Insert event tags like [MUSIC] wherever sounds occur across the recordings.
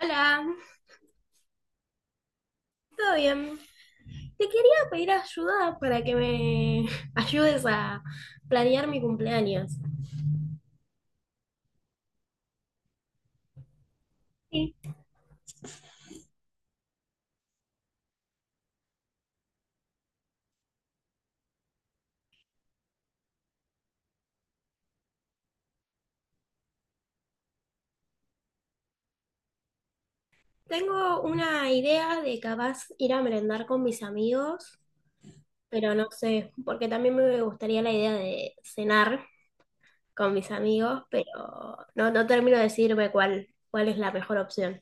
Hola, ¿todo bien? Te quería pedir ayuda para que me [LAUGHS] ayudes a planear mi cumpleaños. Sí. Tengo una idea de capaz ir a merendar con mis amigos, pero no sé, porque también me gustaría la idea de cenar con mis amigos, pero no termino de decirme cuál es la mejor opción.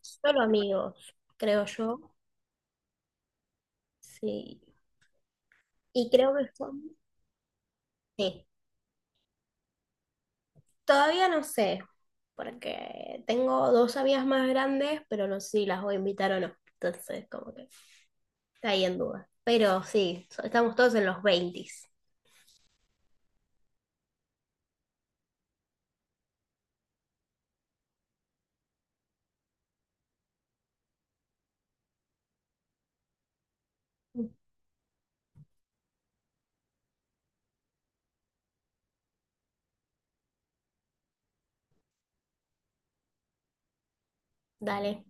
Solo amigos, creo yo. Sí. Y creo que son... Sí. Todavía no sé. Porque tengo dos amigas más grandes, pero no sé si las voy a invitar o no. Entonces, como que está ahí en duda. Pero sí, estamos todos en los 20. Dale,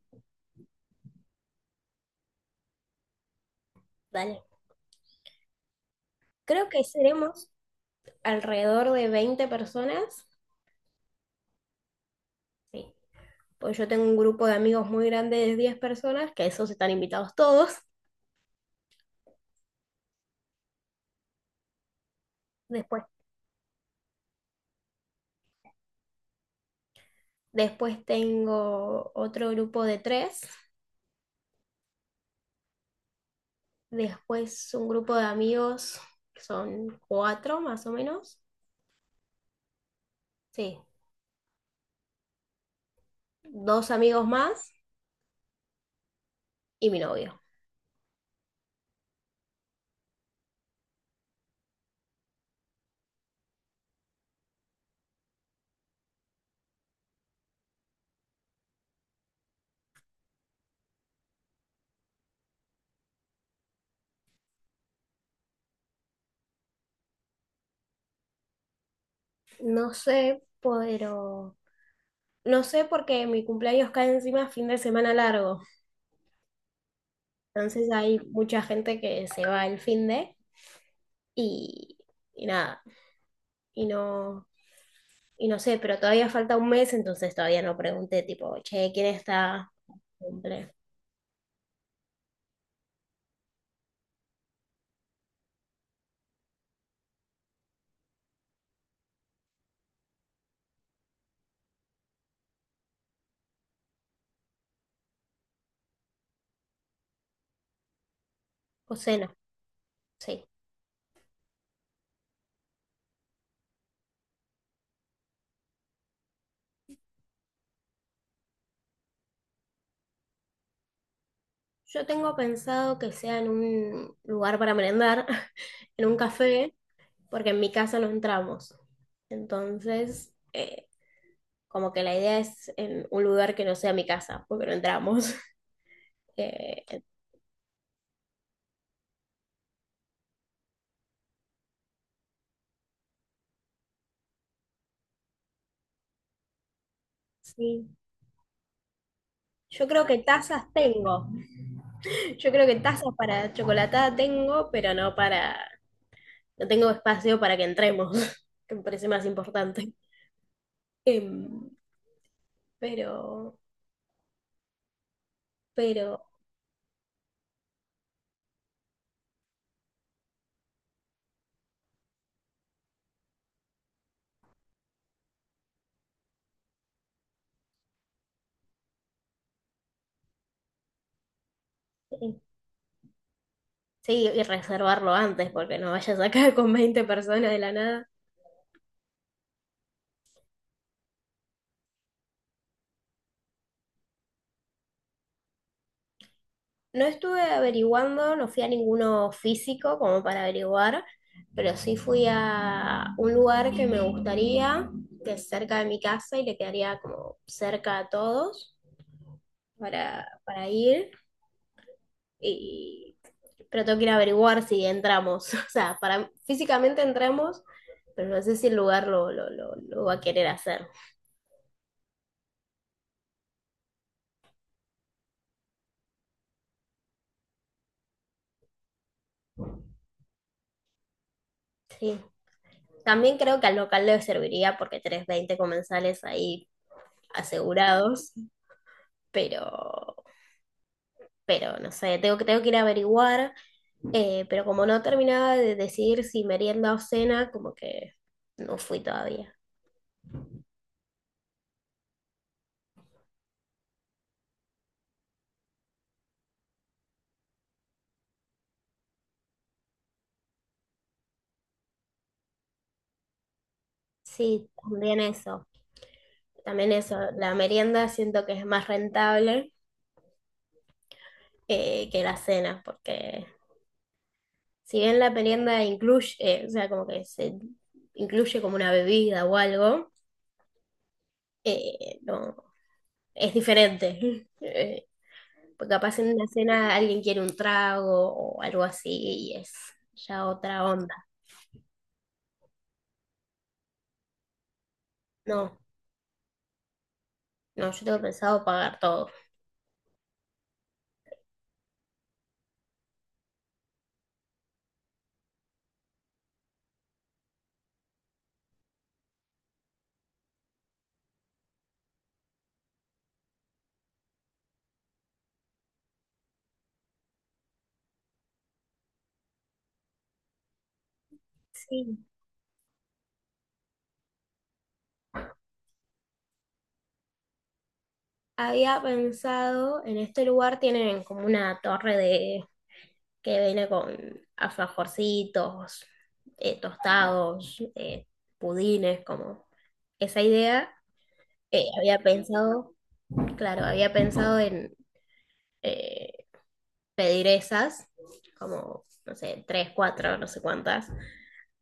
dale. Creo que seremos alrededor de 20 personas. Sí, pues yo tengo un grupo de amigos muy grande de 10 personas, que esos están invitados todos. Después, después tengo otro grupo de tres. Después un grupo de amigos que son 4 más o menos. Sí, dos amigos más y mi novio. No sé, pero no sé porque mi cumpleaños cae encima fin de semana largo. Entonces hay mucha gente que se va el fin de y, y nada. Y no, y no sé, pero todavía falta un mes, entonces todavía no pregunté tipo, che, ¿quién está cumple? O cena, sí. Yo tengo pensado que sea en un lugar para merendar, [LAUGHS] en un café, porque en mi casa no entramos. Entonces, como que la idea es en un lugar que no sea mi casa, porque no entramos. [LAUGHS] Eh, Sí. Yo creo que tazas tengo. Yo creo que tazas para chocolatada tengo, pero no para, no tengo espacio para que entremos, [LAUGHS] que me parece más importante. Em, pero, pero, eh, sí, y reservarlo antes, porque no vayas acá con 20 personas de la nada. No estuve averiguando, no fui a ninguno físico como para averiguar, pero sí fui a un lugar que me gustaría, que es cerca de mi casa y le quedaría como cerca a todos para ir. Y, pero tengo que ir a averiguar si entramos. [LAUGHS] O sea, físicamente entramos, pero no sé si el lugar lo va a querer hacer. Sí. También creo que al local le serviría porque tenés 20 comensales ahí asegurados, pero... pero no sé, tengo que ir a averiguar, pero como no terminaba de decidir si merienda o cena, como que no fui todavía. Sí, también eso, la merienda siento que es más rentable que la cena, porque si bien la merienda incluye, o sea, como que se incluye como una bebida o algo, no, es diferente. [LAUGHS] Porque capaz en una cena alguien quiere un trago o algo así y es ya otra onda. No. No, yo tengo pensado pagar todo. Sí. Había pensado, en este lugar tienen como una torre de que viene con alfajorcitos, tostados, pudines, como esa idea. Había pensado, claro, había pensado en eh, pedir esas, como, no sé, tres, cuatro, no sé cuántas,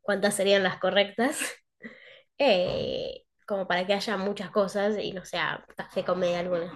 cuántas serían las correctas, [LAUGHS] como para que haya muchas cosas y no sea café con media algunas.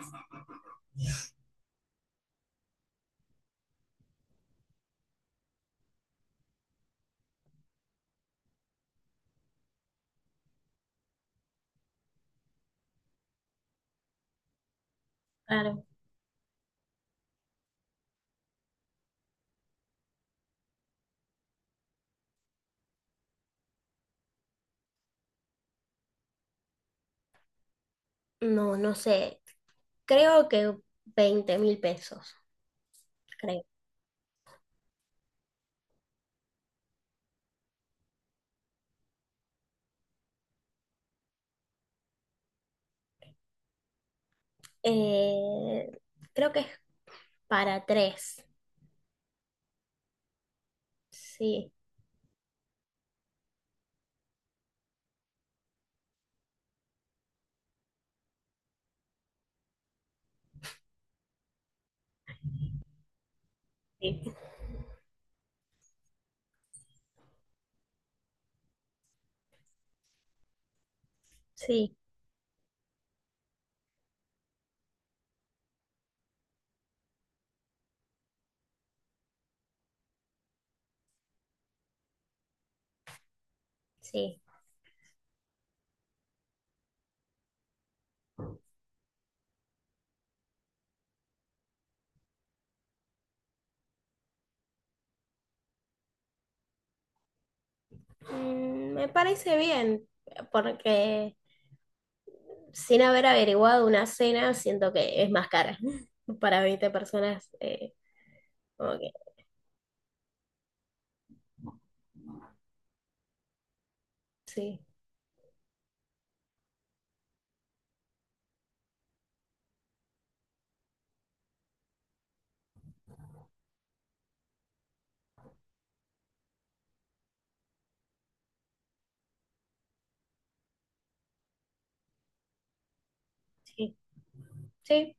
No, no sé. Creo que 20.000 pesos, creo. Eh, Creo que es para tres. Sí, sí. Sí, sí. Me parece bien, porque sin haber averiguado una cena, siento que es más cara. [LAUGHS] Para 20 personas, como que sí, sí, sí,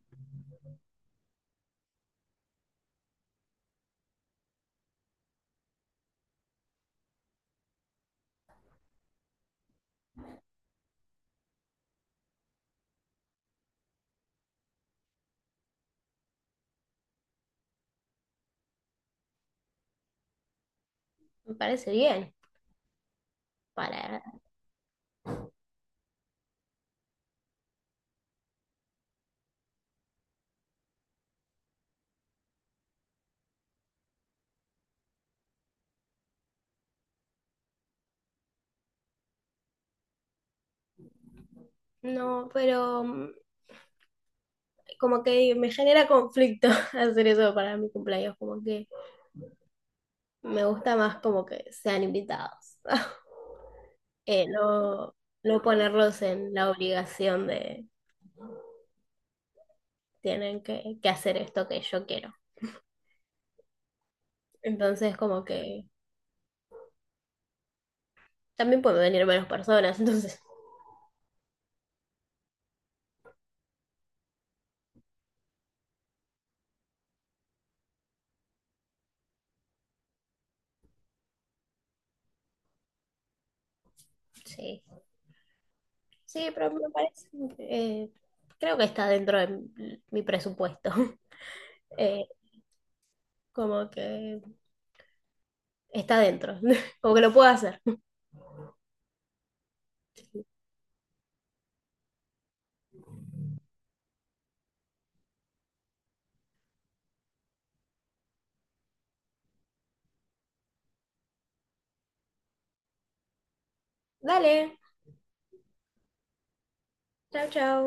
me parece bien. Para... No, pero como que me genera conflicto [LAUGHS] hacer eso para mi cumpleaños, como que... Me gusta más como que sean invitados. [LAUGHS] No, no ponerlos en la obligación de tienen que hacer esto que yo quiero. Entonces, como que también pueden venir menos personas. [LAUGHS] Entonces, sí. Sí, pero me parece. eh, Creo que está dentro de mi presupuesto. [LAUGHS] Eh, Como que está dentro. [LAUGHS] Como que lo puedo hacer. [LAUGHS] Dale. Chao, chao.